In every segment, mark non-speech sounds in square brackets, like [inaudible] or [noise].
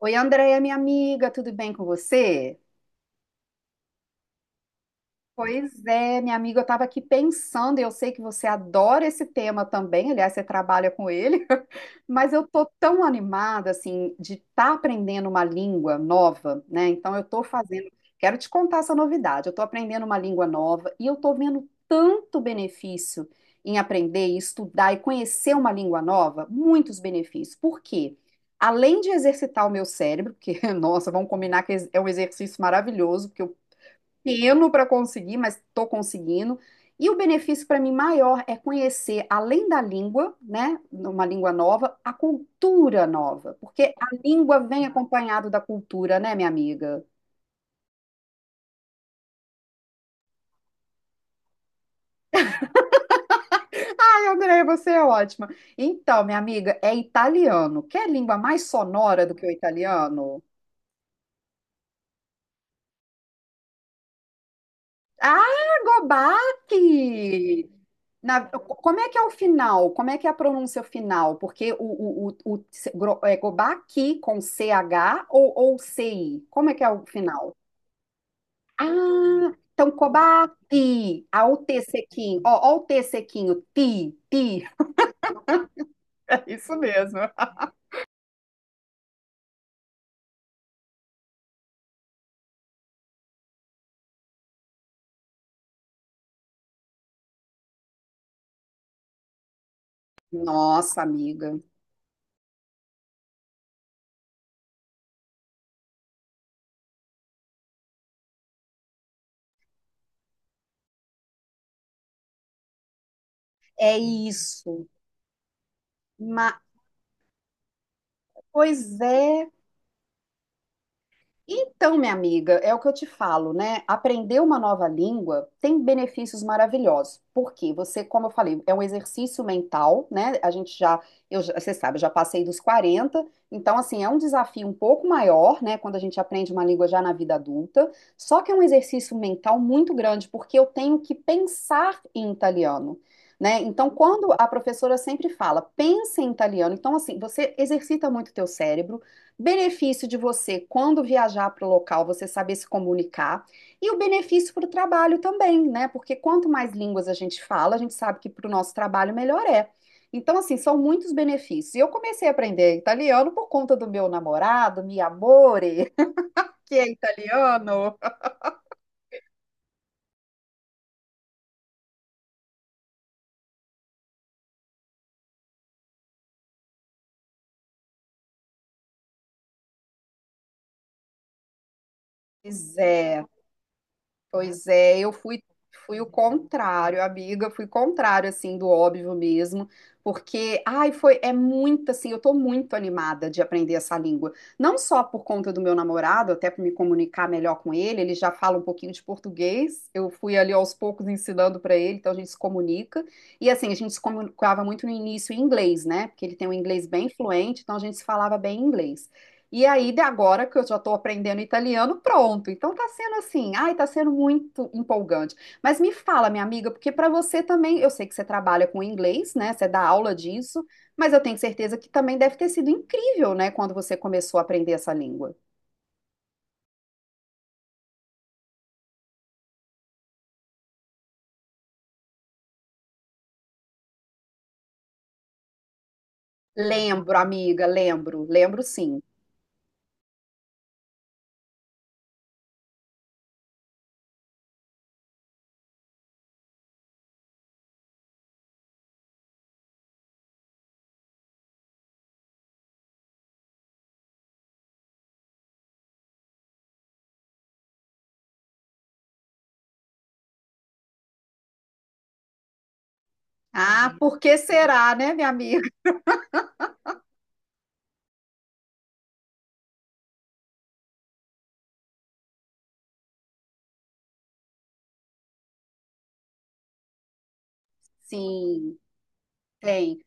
Oi, Andréia, minha amiga, tudo bem com você? Pois é, minha amiga, eu estava aqui pensando, e eu sei que você adora esse tema também, aliás, você trabalha com ele, [laughs] mas eu tô tão animada, assim, de estar aprendendo uma língua nova, né? Então, eu tô fazendo, quero te contar essa novidade, eu tô aprendendo uma língua nova e eu tô vendo tanto benefício em aprender, e estudar e conhecer uma língua nova, muitos benefícios. Por quê? Além de exercitar o meu cérebro, porque, [laughs] nossa, vamos combinar que é um exercício maravilhoso, porque eu pequeno para conseguir, mas estou conseguindo. E o benefício para mim maior é conhecer, além da língua, né, uma língua nova, a cultura nova, porque a língua vem acompanhado da cultura, né, minha amiga? Ai, André, você é ótima. Então, minha amiga, é italiano. Quer língua mais sonora do que o italiano? Ah, gobaque. Como é que é o final? Como é que é a pronúncia final? Porque o se- gro- é Gobaki com CH ou CI? Como é que é o final? Ah, então Kobaki, a o T sequinho, ó, ó o T sequinho, ti, ti, [laughs] é isso mesmo. Nossa, amiga, é isso. Ma- pois é, Então, minha amiga, é o que eu te falo, né? Aprender uma nova língua tem benefícios maravilhosos. Porque você, como eu falei, é um exercício mental, né? A gente já, você sabe, eu já passei dos 40, então assim, é um desafio um pouco maior, né, quando a gente aprende uma língua já na vida adulta. Só que é um exercício mental muito grande, porque eu tenho que pensar em italiano. Né? Então, quando a professora sempre fala, pensa em italiano, então assim, você exercita muito o teu cérebro. Benefício de você, quando viajar para o local, você saber se comunicar e o benefício para o trabalho também, né? Porque quanto mais línguas a gente fala, a gente sabe que para o nosso trabalho melhor é. Então, assim, são muitos benefícios. E eu comecei a aprender italiano por conta do meu namorado, mi amore, [laughs] que é italiano. Pois é. Pois é, eu fui o contrário, amiga, fui contrário, assim, do óbvio mesmo, porque, ai, foi, é muito, assim, eu tô muito animada de aprender essa língua, não só por conta do meu namorado, até para me comunicar melhor com ele, ele já fala um pouquinho de português, eu fui ali aos poucos ensinando para ele, então a gente se comunica, e assim, a gente se comunicava muito no início em inglês, né, porque ele tem um inglês bem fluente, então a gente se falava bem em inglês. E aí, de agora que eu já estou aprendendo italiano, pronto. Então tá sendo assim, ai, tá sendo muito empolgante. Mas me fala, minha amiga, porque para você também, eu sei que você trabalha com inglês, né? Você dá aula disso, mas eu tenho certeza que também deve ter sido incrível, né, quando você começou a aprender essa língua. Lembro, amiga, lembro, lembro sim. Ah, por que será, né, minha amiga? Sim, tem.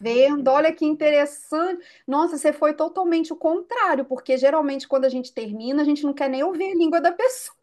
Vendo? Olha que interessante. Nossa, você foi totalmente o contrário, porque geralmente quando a gente termina, a gente não quer nem ouvir a língua da pessoa.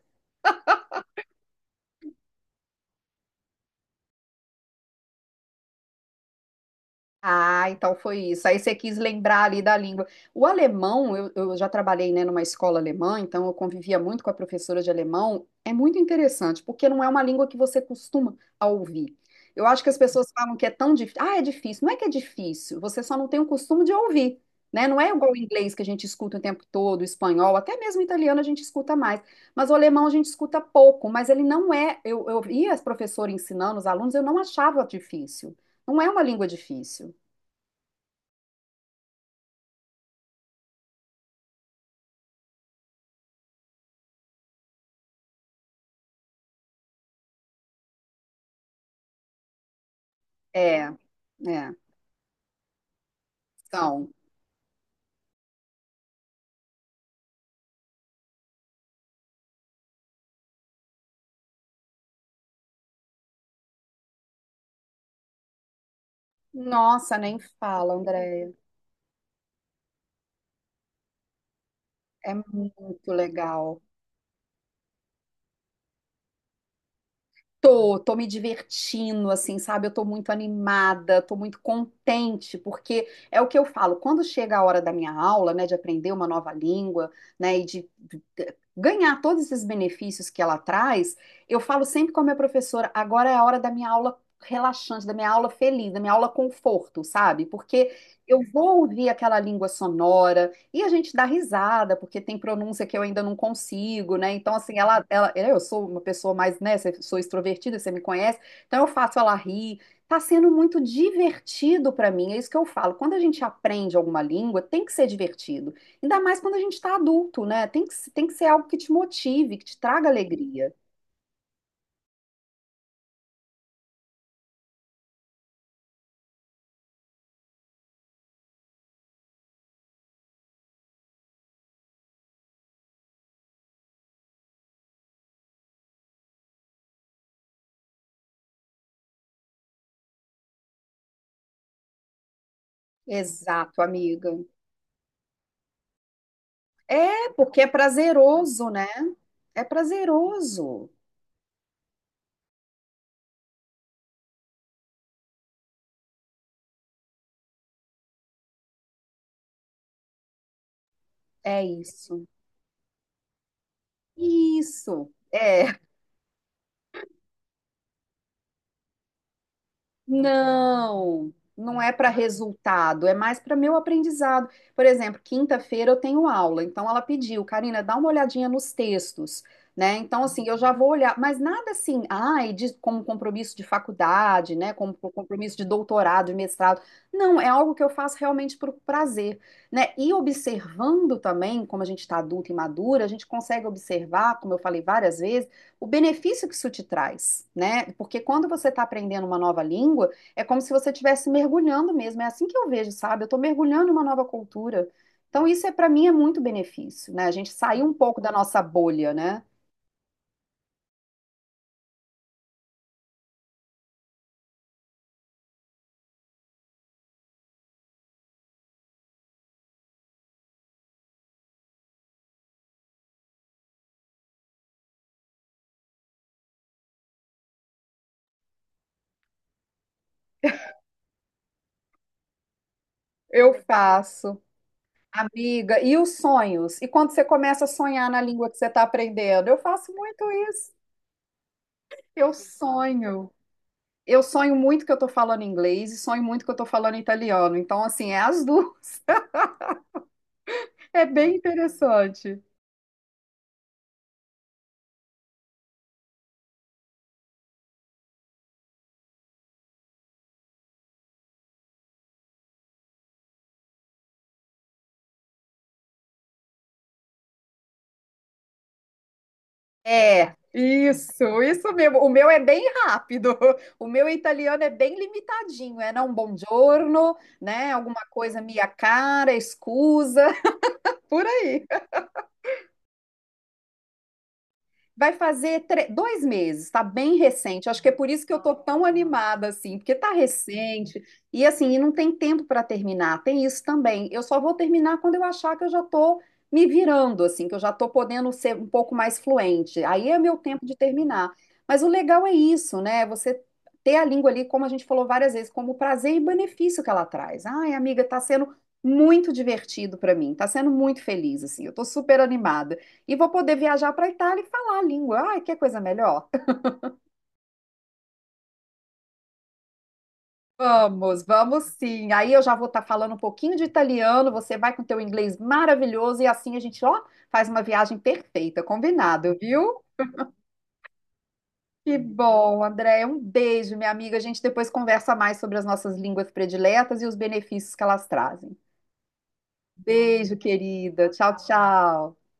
Ah, então foi isso. Aí você quis lembrar ali da língua. O alemão, eu já trabalhei, né, numa escola alemã, então eu convivia muito com a professora de alemão. É muito interessante, porque não é uma língua que você costuma a ouvir. Eu acho que as pessoas falam que é tão difícil. Ah, é difícil. Não é que é difícil, você só não tem o costume de ouvir, né? Não é igual o inglês que a gente escuta o tempo todo, o espanhol, até mesmo o italiano a gente escuta mais. Mas o alemão a gente escuta pouco, mas ele não é. Eu via as professoras ensinando os alunos, eu não achava difícil. Não é uma língua difícil. É, é, são. Nossa, nem fala, Andréia. É muito legal. Tô, tô me divertindo, assim, sabe? Eu tô muito animada, tô muito contente, porque é o que eu falo, quando chega a hora da minha aula, né, de aprender uma nova língua, né, e de ganhar todos esses benefícios que ela traz, eu falo sempre com a minha professora, agora é a hora da minha aula relaxante, da minha aula feliz, da minha aula conforto, sabe? Porque eu vou ouvir aquela língua sonora. E a gente dá risada, porque tem pronúncia que eu ainda não consigo, né? Então, assim, é, eu sou uma pessoa mais, né? Sou extrovertida, você me conhece, então eu faço ela rir. Tá sendo muito divertido pra mim, é isso que eu falo. Quando a gente aprende alguma língua, tem que ser divertido. Ainda mais quando a gente tá adulto, né? Tem que ser algo que te motive, que te traga alegria. Exato, amiga. É, porque é prazeroso, né? É prazeroso. É isso. Isso. É. Não, não é para resultado, é mais para meu aprendizado. Por exemplo, quinta-feira eu tenho aula, então ela pediu, Karina, dá uma olhadinha nos textos, né? Então, assim, eu já vou olhar, mas nada assim, ai, de, como compromisso de faculdade, né? Como compromisso de doutorado, de mestrado. Não, é algo que eu faço realmente por prazer, né? E observando também, como a gente está adulta e madura, a gente consegue observar, como eu falei várias vezes o benefício que isso te traz, né? Porque quando você está aprendendo uma nova língua, é como se você estivesse mergulhando mesmo. É assim que eu vejo, sabe? Eu estou mergulhando em uma nova cultura. Então, isso é para mim é muito benefício, né? A gente sair um pouco da nossa bolha, né? Eu faço, amiga, e os sonhos? E quando você começa a sonhar na língua que você está aprendendo? Eu faço muito isso. Eu sonho. Eu sonho muito que eu estou falando inglês e sonho muito que eu estou falando italiano. Então, assim, é as duas. [laughs] É bem interessante. É, isso mesmo. O meu é bem rápido. O meu italiano é bem limitadinho. É não, buongiorno, né? Alguma coisa, minha cara, excusa, [laughs] por aí. Vai fazer dois meses, está bem recente. Acho que é por isso que eu estou tão animada, assim, porque está recente. E assim, e não tem tempo para terminar, tem isso também. Eu só vou terminar quando eu achar que eu já estou me virando, assim, que eu já estou podendo ser um pouco mais fluente. Aí é meu tempo de terminar. Mas o legal é isso, né? Você ter a língua ali, como a gente falou várias vezes, como prazer e benefício que ela traz. Ai, amiga, está sendo muito divertido para mim, está sendo muito feliz, assim, eu estou super animada. E vou poder viajar para a Itália e falar a língua. Ai, que coisa melhor. [laughs] Vamos, vamos sim. Aí eu já vou estar falando um pouquinho de italiano, você vai com teu inglês maravilhoso e assim a gente, ó, faz uma viagem perfeita, combinado, viu? Que bom, Andréia. Um beijo, minha amiga. A gente depois conversa mais sobre as nossas línguas prediletas e os benefícios que elas trazem. Beijo, querida. Tchau, tchau.